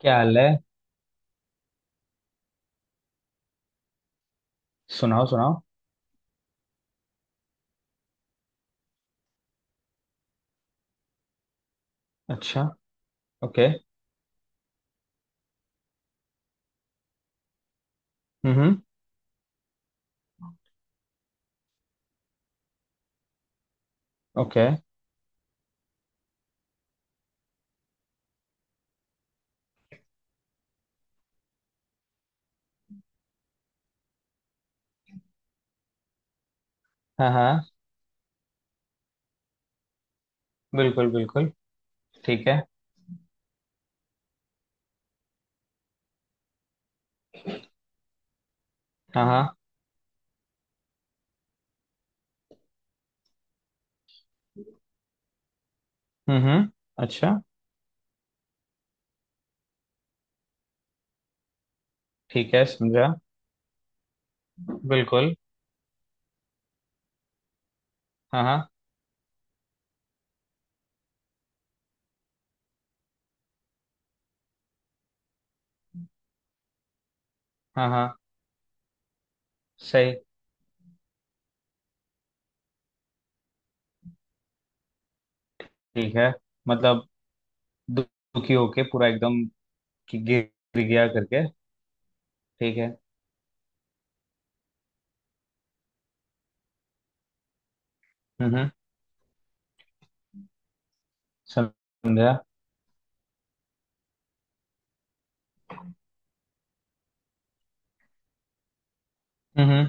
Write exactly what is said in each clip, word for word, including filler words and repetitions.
क्या हाल है? सुनाओ सुनाओ। अच्छा। ओके। हम्म। ओके। हाँ हाँ, बिल्कुल बिल्कुल। ठीक है। हाँ हाँ। हम्म। अच्छा। ठीक है, समझा। बिल्कुल। हाँ हाँ। हाँ हाँ। सही। ठीक है। मतलब दु- दुखी होके पूरा एकदम, कि गिर गिर गया करके। ठीक है। हम्म, समझा। हम्म।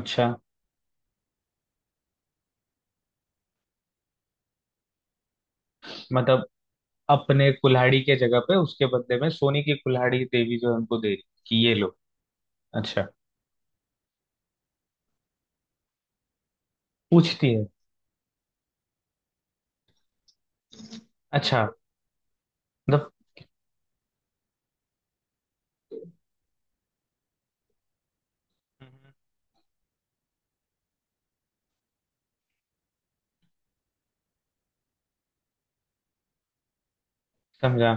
अच्छा। मतलब अपने कुल्हाड़ी के जगह पे उसके बदले में सोने की कुल्हाड़ी देवी जो है उनको दे रही कि ये लो। अच्छा। पूछती है। अच्छा। मतलब समझा।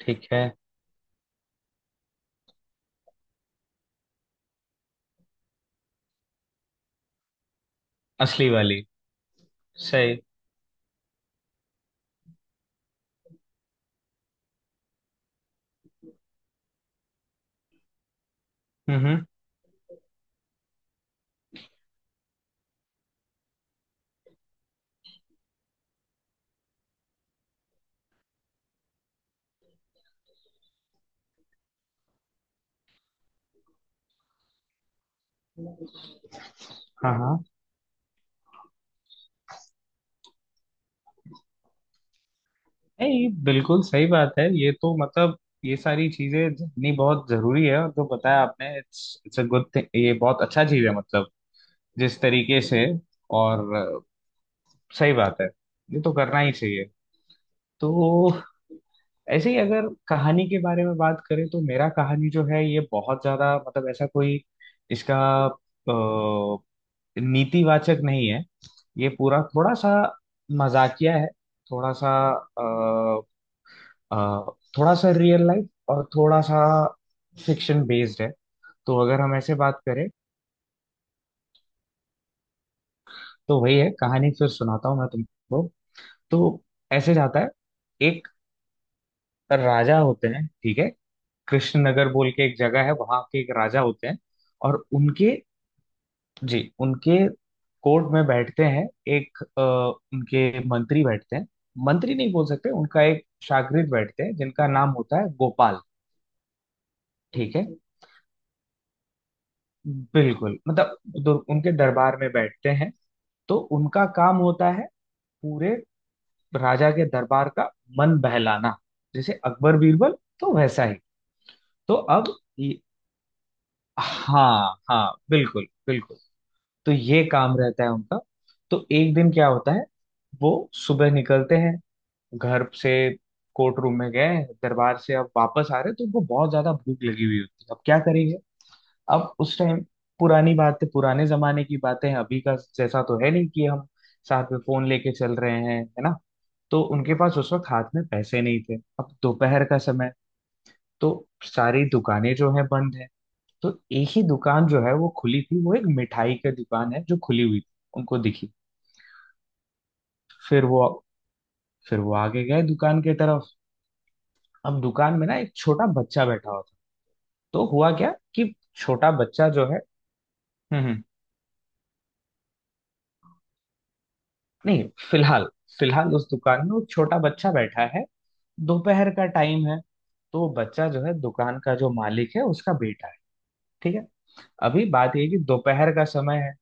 ठीक है। असली वाली। सही। हम्म हम्म, हाँ हाँ। नहीं, बिल्कुल सही बात है ये तो, मतलब ये सारी चीजें जाननी बहुत जरूरी है, और जो बताया आपने it's it's uh good thing, ये बहुत अच्छा चीज है, मतलब जिस तरीके से। और अ, सही बात है। ये तो करना ही चाहिए। तो ऐसे ही अगर कहानी के बारे में बात करें तो मेरा कहानी जो है ये बहुत ज्यादा, मतलब ऐसा कोई इसका नीतिवाचक नहीं है। ये पूरा थोड़ा सा मजाकिया है, थोड़ा सा, अ, अ, थोड़ा सा रियल लाइफ और थोड़ा सा फिक्शन बेस्ड है। तो अगर हम ऐसे बात करें, तो वही है, कहानी फिर सुनाता हूँ मैं तुमको। तो ऐसे जाता है। एक राजा होते हैं, ठीक है। कृष्णनगर बोल के एक जगह है, वहां के एक राजा होते हैं। और उनके, जी उनके कोर्ट में बैठते हैं एक, अ, उनके मंत्री बैठते हैं, मंत्री नहीं बोल सकते, उनका एक शागिर्द बैठते हैं जिनका नाम होता है गोपाल। ठीक है, बिल्कुल, मतलब दो- उनके दरबार में बैठते हैं। तो उनका काम होता है पूरे राजा के दरबार का मन बहलाना, जैसे अकबर बीरबल, तो वैसा ही। तो अब ये- हाँ हाँ, बिल्कुल बिल्कुल, तो ये काम रहता है उनका। तो एक दिन क्या होता है, वो सुबह निकलते हैं घर से, कोर्ट रूम में गए, दरबार से अब वापस आ रहे तो उनको बहुत ज्यादा भूख लगी हुई होती है, अब क्या करेंगे। अब उस टाइम, पुरानी बातें, पुराने जमाने की बातें हैं, अभी का जैसा तो है नहीं कि हम साथ में फोन लेके चल रहे हैं, है ना। तो उनके पास उस वक्त हाथ में पैसे नहीं थे, अब दोपहर का समय, तो सारी दुकानें जो है बंद है, तो एक ही दुकान जो है वो खुली थी, वो एक मिठाई की दुकान है जो खुली हुई थी, उनको दिखी। फिर वो फिर वो आगे गए दुकान की तरफ। अब दुकान में ना एक छोटा बच्चा बैठा हुआ, तो हुआ क्या कि छोटा बच्चा जो है, हम्म हम्म, नहीं, फिलहाल फिलहाल उस दुकान में वो छोटा बच्चा बैठा है, दोपहर का टाइम है। तो वो बच्चा जो है दुकान का जो मालिक है उसका बेटा है, ठीक है। अभी बात ये है कि दोपहर का समय है,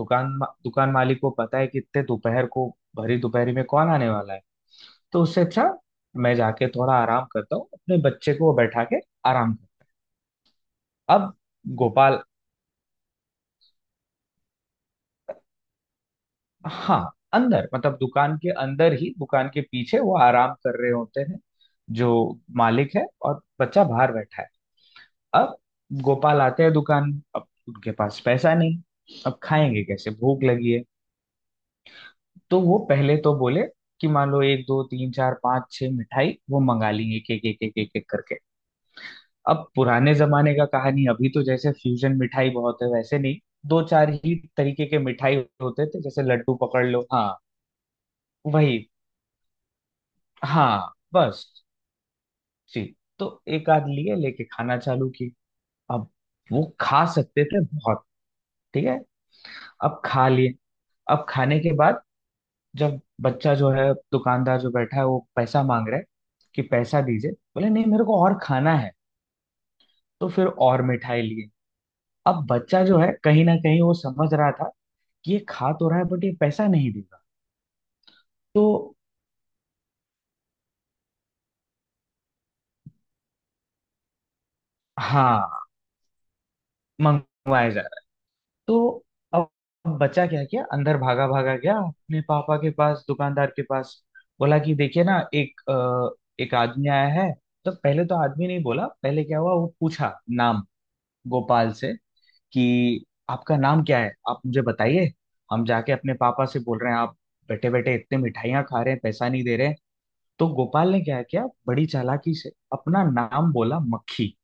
दुकान मा- दुकान मालिक को पता है कि इतने दोपहर को, भरी दोपहरी में, कौन आने वाला है। तो उससे अच्छा मैं जाके थोड़ा आराम करता हूँ अपने बच्चे को बैठा के, आराम कर। अब गोपाल, हाँ, अंदर मतलब दुकान के अंदर ही दुकान के पीछे वो आराम कर रहे होते हैं जो मालिक है, और बच्चा बाहर बैठा है। अब गोपाल आते हैं दुकान में, अब उनके पास पैसा नहीं, अब खाएंगे कैसे, भूख लगी है। तो वो पहले तो बोले कि मान लो एक दो तीन चार पाँच छह मिठाई वो मंगा लेंगे, एक एक एक एक एक एक करके। अब पुराने जमाने का कहानी, अभी तो जैसे फ्यूजन मिठाई बहुत है वैसे नहीं, दो चार ही तरीके के मिठाई होते थे, जैसे लड्डू पकड़ लो। हाँ, वही, हाँ बस। जी, तो एक आध लिए लेके खाना चालू की। अब वो खा सकते थे बहुत, ठीक है। अब खा लिए, अब खाने के बाद जब बच्चा जो है दुकानदार जो बैठा है वो पैसा मांग रहा है, कि पैसा दीजिए, बोले नहीं, मेरे को और खाना है। तो फिर और मिठाई लिए। अब बच्चा जो है कहीं ना कहीं वो समझ रहा था कि ये खा तो रहा है बट ये पैसा नहीं देगा। तो हाँ, मंगवाया जाए। तो अब, अब बचा क्या क्या अंदर भागा भागा गया अपने पापा के पास, दुकानदार के पास, बोला कि देखिए ना एक, अ, एक आदमी आया है। तो पहले तो आदमी नहीं बोला, पहले क्या हुआ वो पूछा नाम, गोपाल से, कि आपका नाम क्या है, आप मुझे बताइए, हम जाके अपने पापा से बोल रहे हैं, आप बैठे बैठे इतने मिठाइयाँ खा रहे हैं, पैसा नहीं दे रहे हैं। तो गोपाल ने क्या किया, बड़ी चालाकी से अपना नाम बोला मक्खी।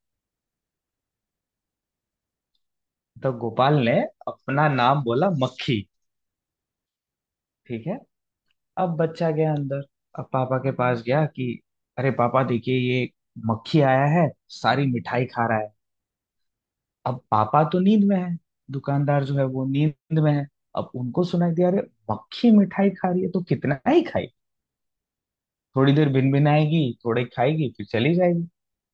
तो गोपाल ने अपना नाम बोला मक्खी। ठीक है। अब बच्चा गया अंदर, अब पापा के पास गया कि अरे पापा देखिए, ये मक्खी आया है, सारी मिठाई खा रहा है। अब पापा तो नींद में है, दुकानदार जो है वो नींद में है। अब उनको सुनाई दिया, अरे मक्खी मिठाई खा रही है तो कितना ही खाई, थोड़ी देर भिनभिनाएगी, थोड़े खाएगी, फिर चली जाएगी।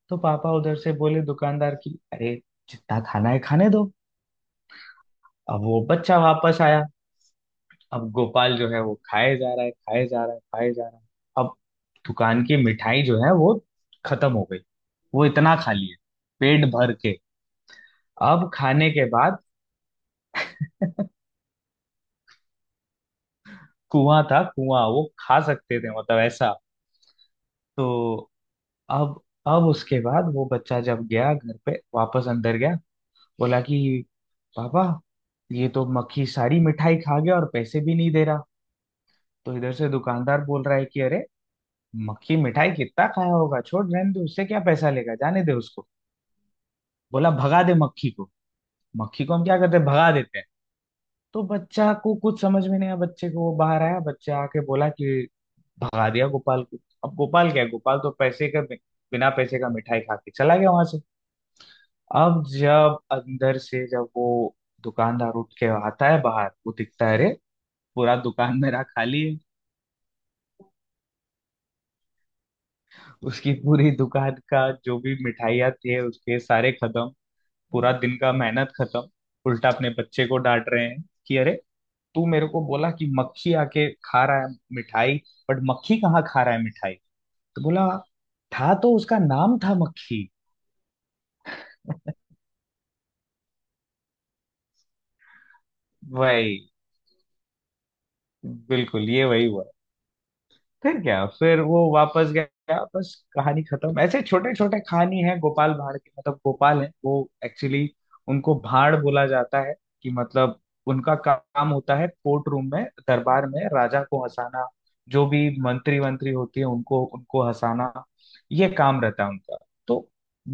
तो पापा उधर से बोले दुकानदार की, अरे जितना खाना है खाने दो। अब वो बच्चा वापस आया। अब गोपाल जो है वो खाए जा रहा है, खाए जा रहा है, खाए जा रहा है। अब दुकान की मिठाई जो है वो खत्म हो गई। वो इतना खा लिए, पेट भर के। अब खाने के बाद, कुआं था, कुआं, वो खा सकते थे, मतलब ऐसा। तो अब, अब उसके बाद वो बच्चा जब गया घर पे वापस, अंदर गया, बोला कि पापा, ये तो मक्खी सारी मिठाई खा गया और पैसे भी नहीं दे रहा। तो इधर से दुकानदार बोल रहा है कि अरे, मक्खी मिठाई कितना खाया होगा, छोड़, रहने दे, उससे क्या पैसा लेगा, जाने दे उसको, बोला भगा दे मक्खी को। मक्खी को हम क्या करते हैं, भगा देते हैं। तो बच्चा को कुछ समझ में नहीं आया, बच्चे को वो बाहर आया, बच्चा आके बोला कि भगा दिया गोपाल को। अब गोपाल क्या है, गोपाल तो पैसे का, बिना पैसे का मिठाई खा के चला गया वहां से। अब जब अंदर से जब वो दुकानदार उठ के आता है बाहर, वो दिखता है, अरे पूरा दुकान मेरा खाली है। उसकी पूरी दुकान का जो भी मिठाइयाँ थे उसके सारे खत्म, पूरा दिन का मेहनत खत्म। उल्टा अपने बच्चे को डांट रहे हैं कि अरे, तू मेरे को बोला कि मक्खी आके खा रहा है मिठाई, बट मक्खी कहाँ खा रहा है मिठाई। तो बोला, था तो उसका नाम था मक्खी। वही, बिल्कुल, ये वही हुआ। फिर क्या, फिर वो वापस गया, बस कहानी खत्म। ऐसे छोटे छोटे कहानी है गोपाल भाड़ की, मतलब गोपाल है वो, एक्चुअली उनको भाड़ बोला जाता है, कि मतलब उनका काम होता है कोर्ट रूम में दरबार में राजा को हंसाना, जो भी मंत्री वंत्री होती है उनको उनको हंसाना, ये काम रहता है उनका। तो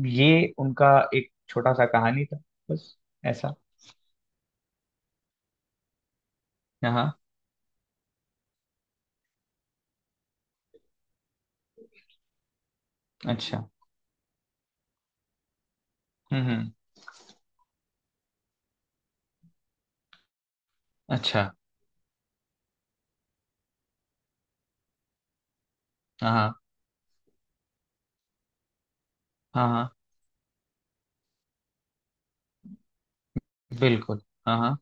ये उनका एक छोटा सा कहानी था, बस। ऐसा, हाँ। अच्छा। हम्म हम्म, अच्छा। हाँ हाँ, हाँ हाँ, बिल्कुल। हाँ हाँ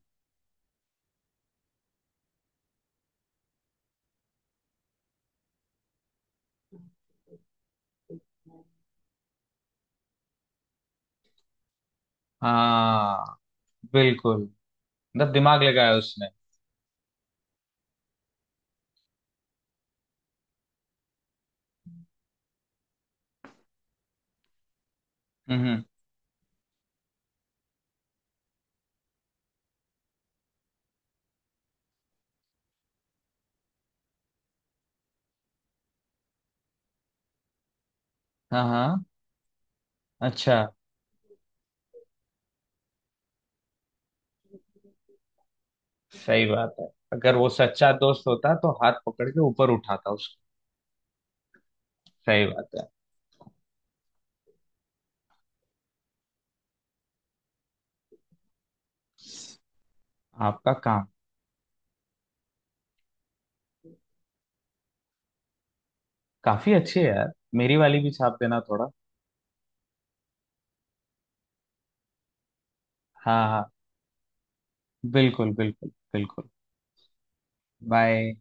हाँ, बिल्कुल, मतलब दिमाग लगाया उसने। हम्म। हाँ हाँ। अच्छा, सही बात है। अगर वो सच्चा दोस्त होता तो हाथ पकड़ के ऊपर उठाता उसको। सही बात है। आपका काम काफी अच्छे है यार, मेरी वाली भी छाप देना थोड़ा। हाँ हाँ, बिल्कुल बिल्कुल बिल्कुल। बाय।